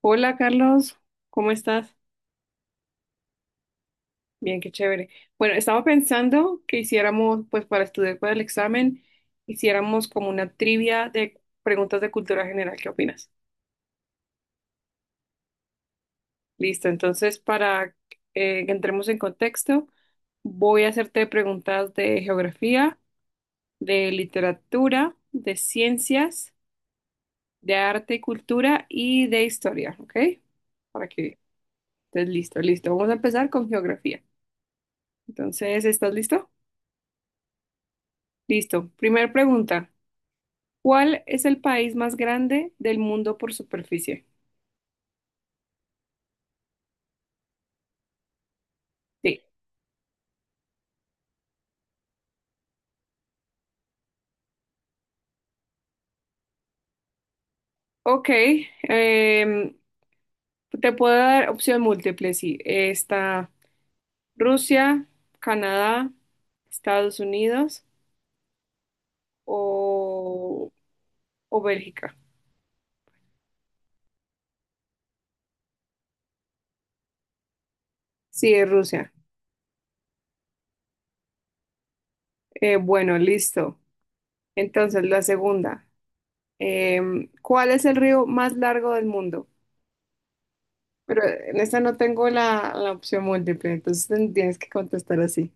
Hola Carlos, ¿cómo estás? Bien, qué chévere. Bueno, estaba pensando que hiciéramos, pues para estudiar para el examen, hiciéramos como una trivia de preguntas de cultura general. ¿Qué opinas? Listo, entonces para que entremos en contexto, voy a hacerte preguntas de geografía, de literatura, de ciencias, de arte y cultura y de historia, ¿ok? Para que estés listo, listo. Vamos a empezar con geografía. Entonces, ¿estás listo? Listo. Primer pregunta. ¿Cuál es el país más grande del mundo por superficie? Sí. Ok, em, te puedo dar opción múltiple, sí. Está Rusia, Canadá, Estados Unidos o, o Bélgica. Sí, es Rusia. Bueno, listo. Entonces, la segunda. ¿Cuál es el río más largo del mundo? Pero en esta no tengo la opción múltiple, entonces tienes que contestar así.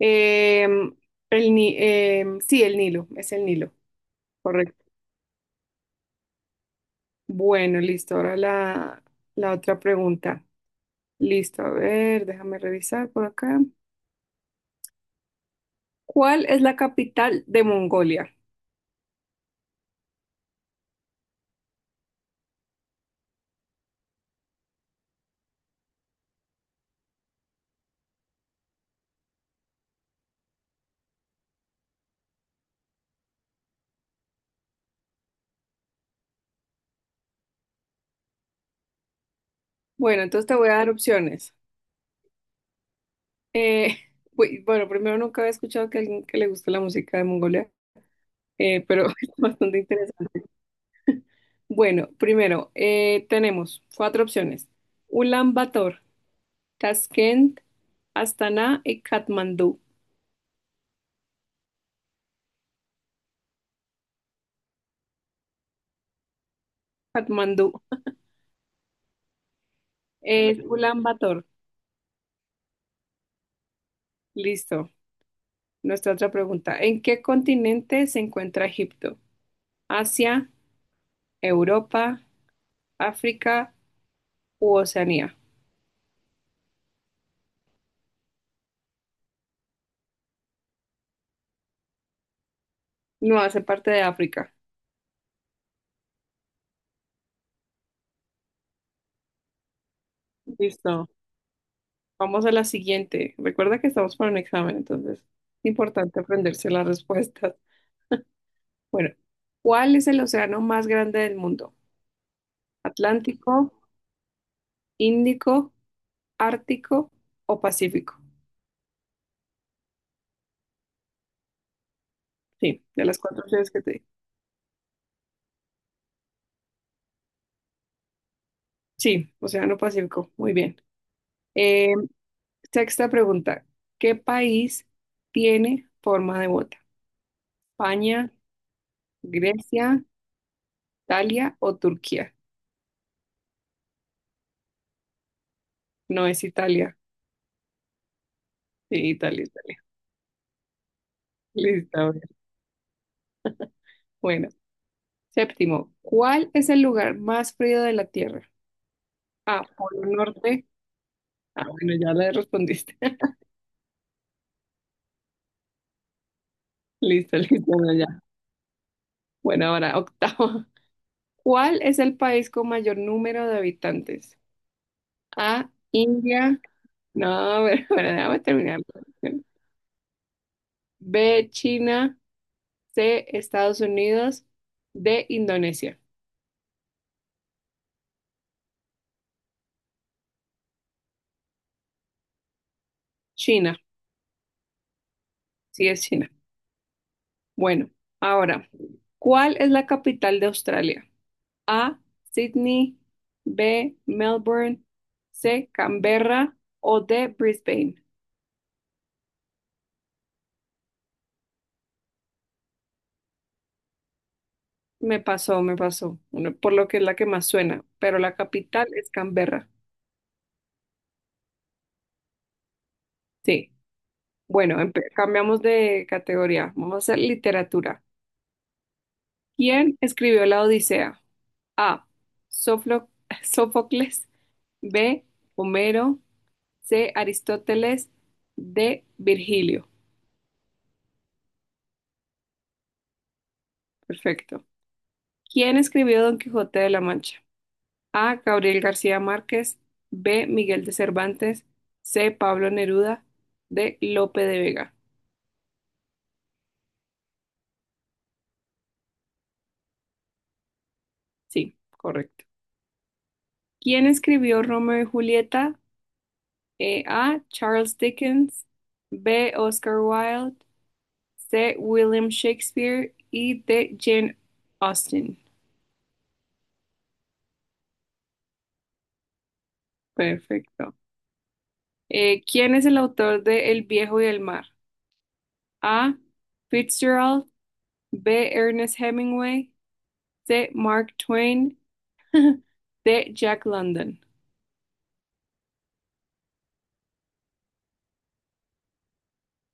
Em, el, Ni- em, sí, el Nilo, es el Nilo, correcto. Bueno, listo. La otra pregunta. Listo, a ver, déjame revisar por acá. ¿Cuál es la capital de Mongolia? Bueno, entonces te voy a dar opciones. Eh, bueno, primero nunca había escuchado que alguien que le guste la música de Mongolia, pero es bastante interesante. Bueno, primero tenemos cuatro opciones. Ulan Bator, Tashkent, Astana y Katmandú. Katmandú. Es Ulan Bator. Listo. Nuestra otra pregunta. ¿En qué continente se encuentra Egipto? ¿Asia, Europa, África u Oceanía? No, hace parte de África. Listo. Vamos a la siguiente. Recuerda que estamos para un examen, entonces es importante aprenderse las respuestas. Bueno, ¿cuál es el océano más grande del mundo? ¿Atlántico, Índico, Ártico o Pacífico? Sí, de las cuatro opciones que te di. Sí, Océano Pacífico, muy bien. Eh, sexta pregunta, ¿qué país tiene forma de bota? ¿España, Grecia, Italia o Turquía? No es Italia, sí, Italia, Italia. Listo, bien, bueno. Séptimo, ¿cuál es el lugar más frío de la Tierra? A, Polo Norte. Ah, bueno, ya le respondiste. Listo, listo, bueno, ya. Bueno, ahora octavo. ¿Cuál es el país con mayor número de habitantes? A, India. No, pero bueno, nada más terminar la pregunta. B, China, C, Estados Unidos, D, Indonesia. China, sí es China. Bueno, ahora, ¿cuál es la capital de Australia? A, Sydney, B, Melbourne, C, Canberra o D, Brisbane. Me pasó, me pasó. Bueno, por lo que es la que más suena, pero la capital es Canberra. Sí, bueno, cambiamos de categoría, vamos a hacer literatura. ¿Quién escribió la Odisea? A, Soflo- Sófocles. B, Homero. C, Aristóteles. D, Virgilio. Perfecto. ¿Quién escribió Don Quijote de la Mancha? A, Gabriel García Márquez. B, Miguel de Cervantes. C, Pablo Neruda. D, Lope de Vega. Sí, correcto. ¿Quién escribió Romeo y Julieta? E. A, Charles Dickens. B, Oscar Wilde. De William Shakespeare y de Jane Austen. Perfecto. ¿Quién es el autor de El viejo y el mar? A, Fitzgerald, B, Ernest Hemingway, C, Mark Twain, D, Jack London.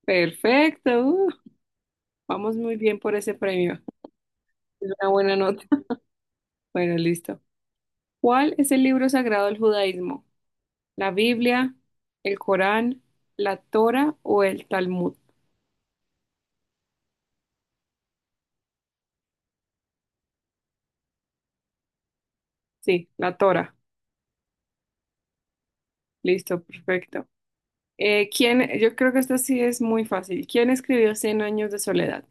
Perfecto. Uh, vamos muy bien por ese premio. Es una buena nota. Bueno, listo. ¿Cuál es el libro sagrado del judaísmo? ¿La Biblia, el Corán, la Torah o el Talmud? Sí, la Torah. Listo, perfecto. ¿Quién? Yo creo que esta sí es muy fácil. ¿Quién escribió Cien años de soledad?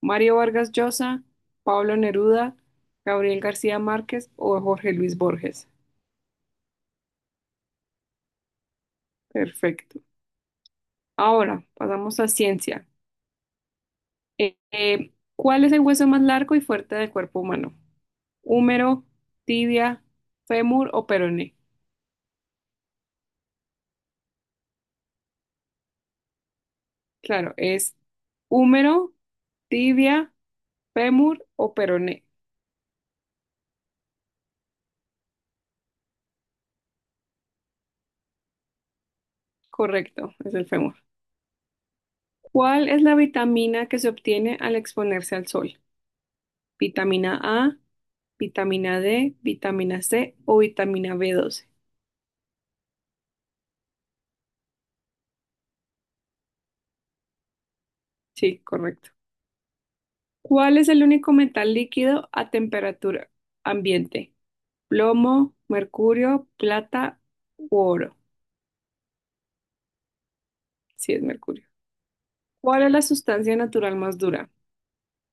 ¿Mario Vargas Llosa, Pablo Neruda, Gabriel García Márquez o Jorge Luis Borges? Perfecto. Ahora, pasamos a ciencia. ¿Cuál es el hueso más largo y fuerte del cuerpo humano? ¿Húmero, tibia, fémur o peroné? Claro, es húmero, tibia, fémur o peroné. Correcto, es el fémur. ¿Cuál es la vitamina que se obtiene al exponerse al sol? ¿Vitamina A, vitamina D, vitamina C o vitamina B12? Sí, correcto. ¿Cuál es el único metal líquido a temperatura ambiente? ¿Plomo, mercurio, plata u oro? Sí, es mercurio. ¿Cuál es la sustancia natural más dura?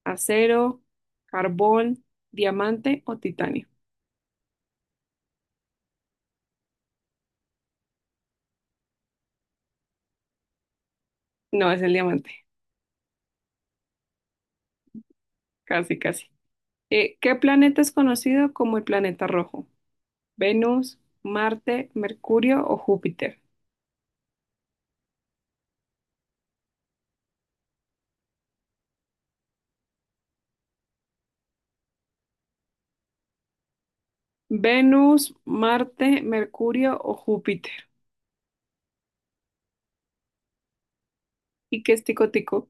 ¿Acero, carbón, diamante o titanio? No, es el diamante. Casi, casi. ¿Qué planeta es conocido como el planeta rojo? Venus, Marte, Mercurio o Júpiter. Venus, Marte, Mercurio o Júpiter. ¿Y qué es tico tico?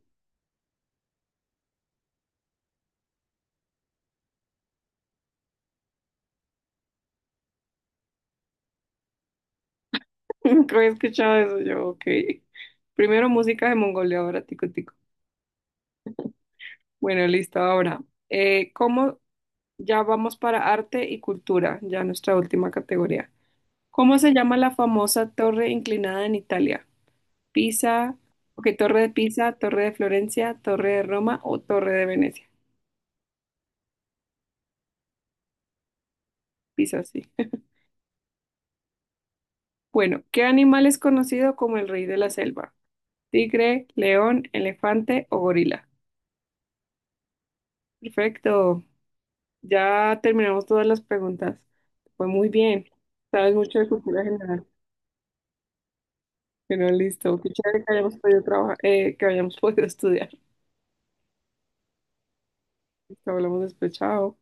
Nunca había escuchado eso yo, ok. Primero música de Mongolia, ahora tico tico. Bueno, listo, ahora, ¿cómo? Ya vamos para arte y cultura, ya nuestra última categoría. ¿Cómo se llama la famosa torre inclinada en Italia? Pisa, ok, Torre de Pisa, Torre de Florencia, Torre de Roma o Torre de Venecia. Pisa, sí. Bueno, ¿qué animal es conocido como el rey de la selva? Tigre, león, elefante o gorila. Perfecto. Ya terminamos todas las preguntas. Fue muy bien. Sabes mucho de cultura general. Bueno, listo. Qué chévere que hayamos podido trabajar, que hayamos podido estudiar. Hablamos después. Chao.